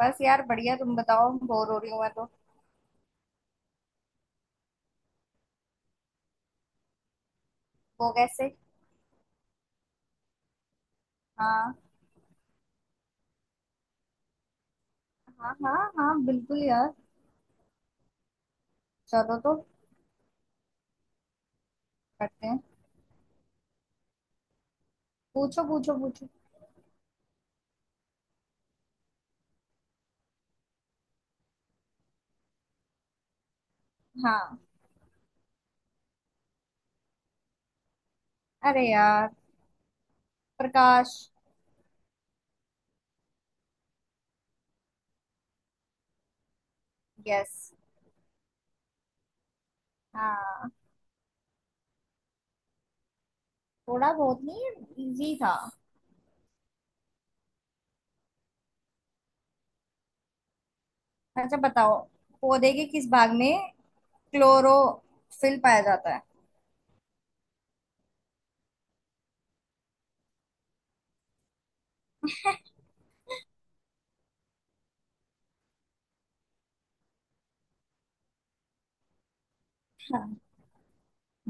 बस यार बढ़िया। तुम बताओ, बोर हो रही हूँ मैं तो। वो कैसे? हाँ हाँ हाँ हाँ बिल्कुल यार। चलो तो करते हैं। पूछो पूछो पूछो। हाँ। अरे यार, प्रकाश। यस। हाँ। थोड़ा बहुत नहीं, इजी था। अच्छा बताओ, पौधे के किस भाग में क्लोरोफिल पाया जाता है।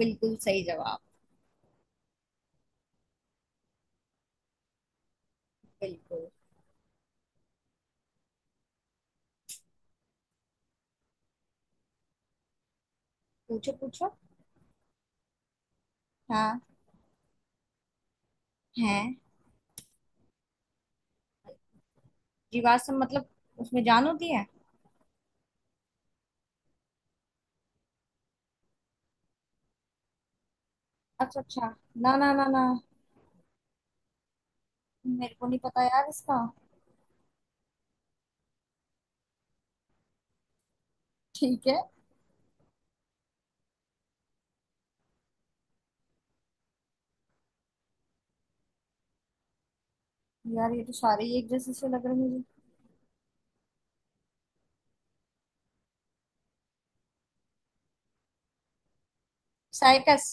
बिल्कुल सही जवाब। बिल्कुल। पूछो पूछो। हाँ है। जीवाश्म मतलब उसमें जान होती है। अच्छा अच्छा। ना ना ना ना। मेरे को नहीं पता यार इसका। ठीक है। यार ये तो सारे ही एक जैसे से लग रहे हैं मुझे। साइकस।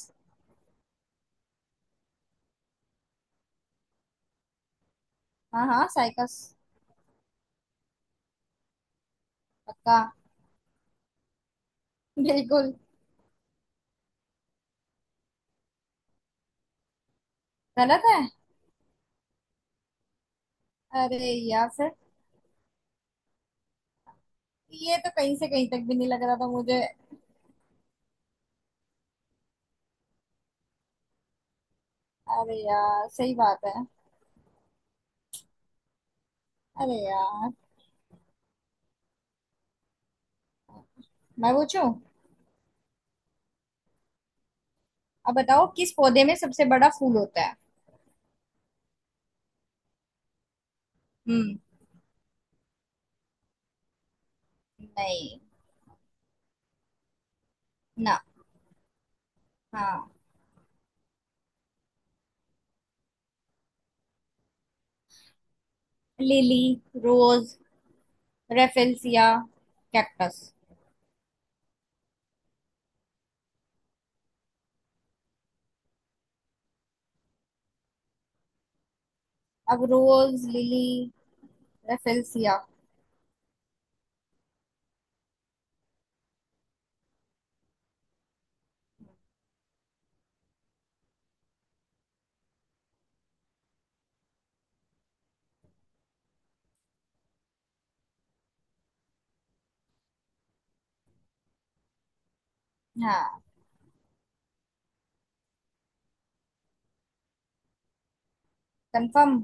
हाँ हाँ साइकस। पक्का। बिल्कुल। गलत है? अरे यार फिर। ये तो कहीं से कहीं तक भी नहीं लग रहा था मुझे। अरे यार सही बात है। अरे यार, मैं पूछूं? अब बताओ, किस पौधे में सबसे बड़ा फूल होता है। हम्म। नहीं। ना। हाँ। लिली, रोज, रेफेलसिया, कैक्टस। अब रोज, लिली, रेफेलसिया। हाँ कंफर्म।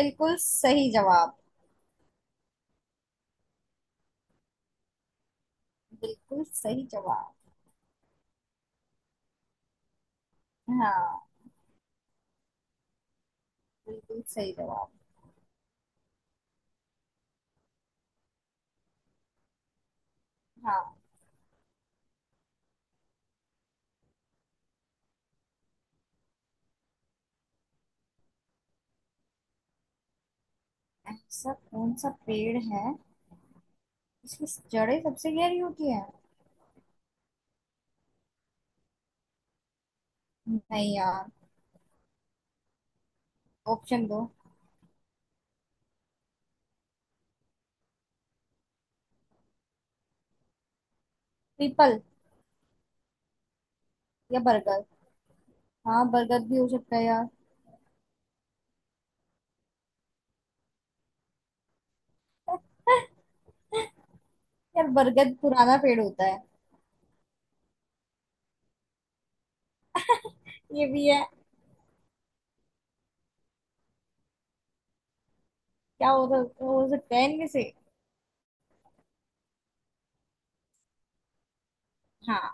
बिल्कुल सही जवाब। बिल्कुल सही जवाब। हाँ। बिल्कुल सही जवाब। हाँ। ऐसा कौन सा पेड़ है जिसकी जड़ें सबसे गहरी होती है। नहीं यार, ऑप्शन दो। पीपल या बरगद। हाँ बरगद भी हो सकता है यार। यार बरगद पुराना पेड़ होता है। ये भी है। क्या हो सकता है इनमें से। हाँ।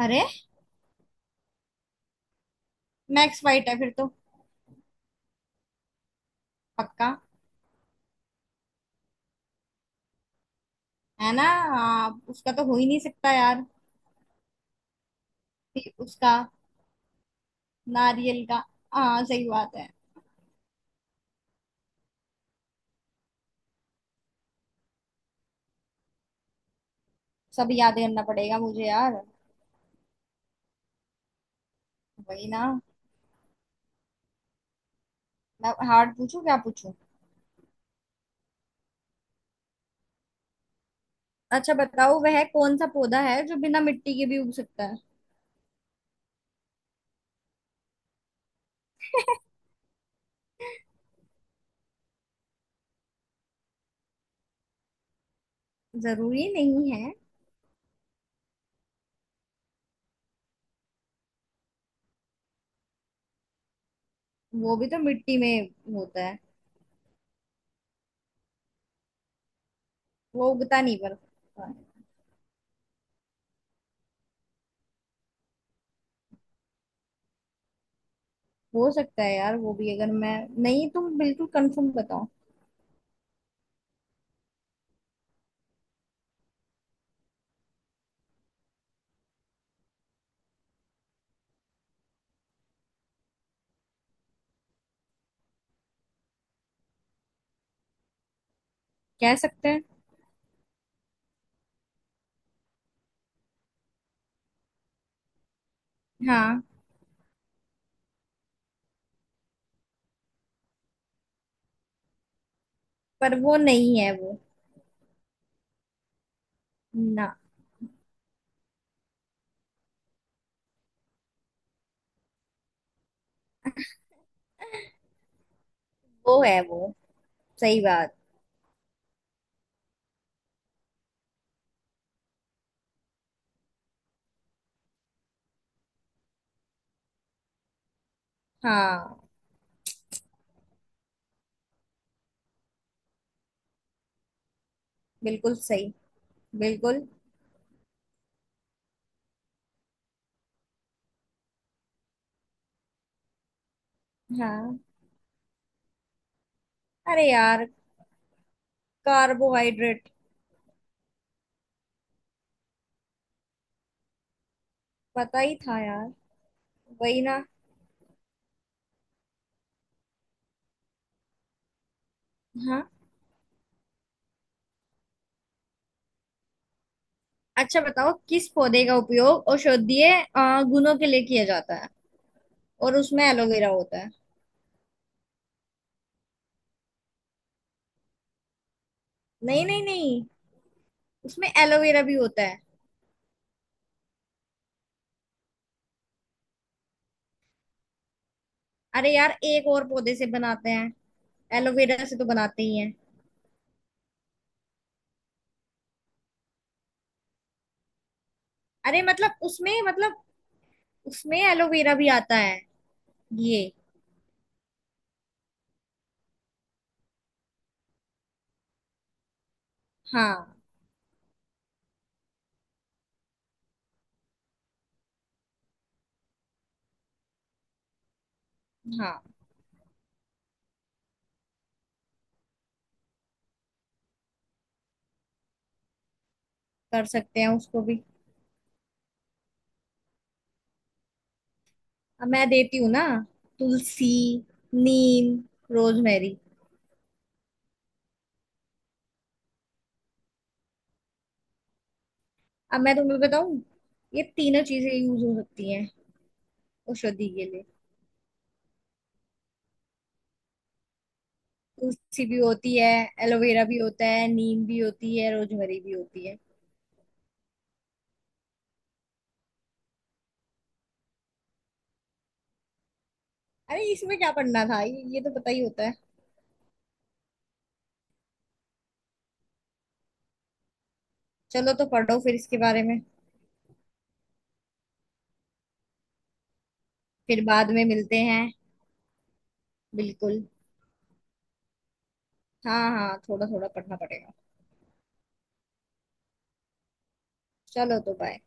अरे मैक्स वाइट है फिर तो। पक्का। है ना? हाँ, उसका तो हो ही नहीं सकता यार। उसका, नारियल का। हाँ सही बात है। सब याद करना पड़ेगा मुझे यार। वही ना। मैं हार्ड पूछूं क्या पूछूं? अच्छा बताओ, वह कौन सा पौधा है जो बिना मिट्टी के भी उग सकता है। जरूरी नहीं है। वो भी तो मिट्टी में होता है। वो उगता नहीं पर। हो सकता है यार, वो भी अगर मैं। नहीं, तुम बिल्कुल कंफर्म बताओ। कह सकते हैं। हाँ। पर वो नहीं है वो। ना। वो है वो। सही बात। हाँ बिल्कुल सही। बिल्कुल। हाँ। अरे यार, कार्बोहाइड्रेट। पता ही था यार। वही ना। हाँ। अच्छा बताओ, किस पौधे का उपयोग औषधीय गुणों के लिए किया जाता है। और उसमें एलोवेरा होता है। नहीं नहीं नहीं, उसमें एलोवेरा भी होता है। अरे यार, एक और पौधे से बनाते हैं। एलोवेरा से तो बनाते ही हैं। अरे मतलब उसमें एलोवेरा भी आता है ये। हाँ हाँ कर सकते हैं उसको भी। अब मैं देती हूँ ना। तुलसी, नीम, रोजमेरी। अब मैं तुम्हें बताऊं, ये तीनों चीजें यूज हो सकती हैं औषधि के लिए। तुलसी भी होती है, एलोवेरा भी होता है, नीम भी होती है, रोजमेरी भी होती है। अरे इसमें क्या पढ़ना था, ये तो पता ही होता है। चलो तो पढ़ो फिर इसके बारे में। फिर बाद में मिलते हैं। बिल्कुल। हाँ हाँ थोड़ा थोड़ा पढ़ना पड़ेगा। चलो तो बाय।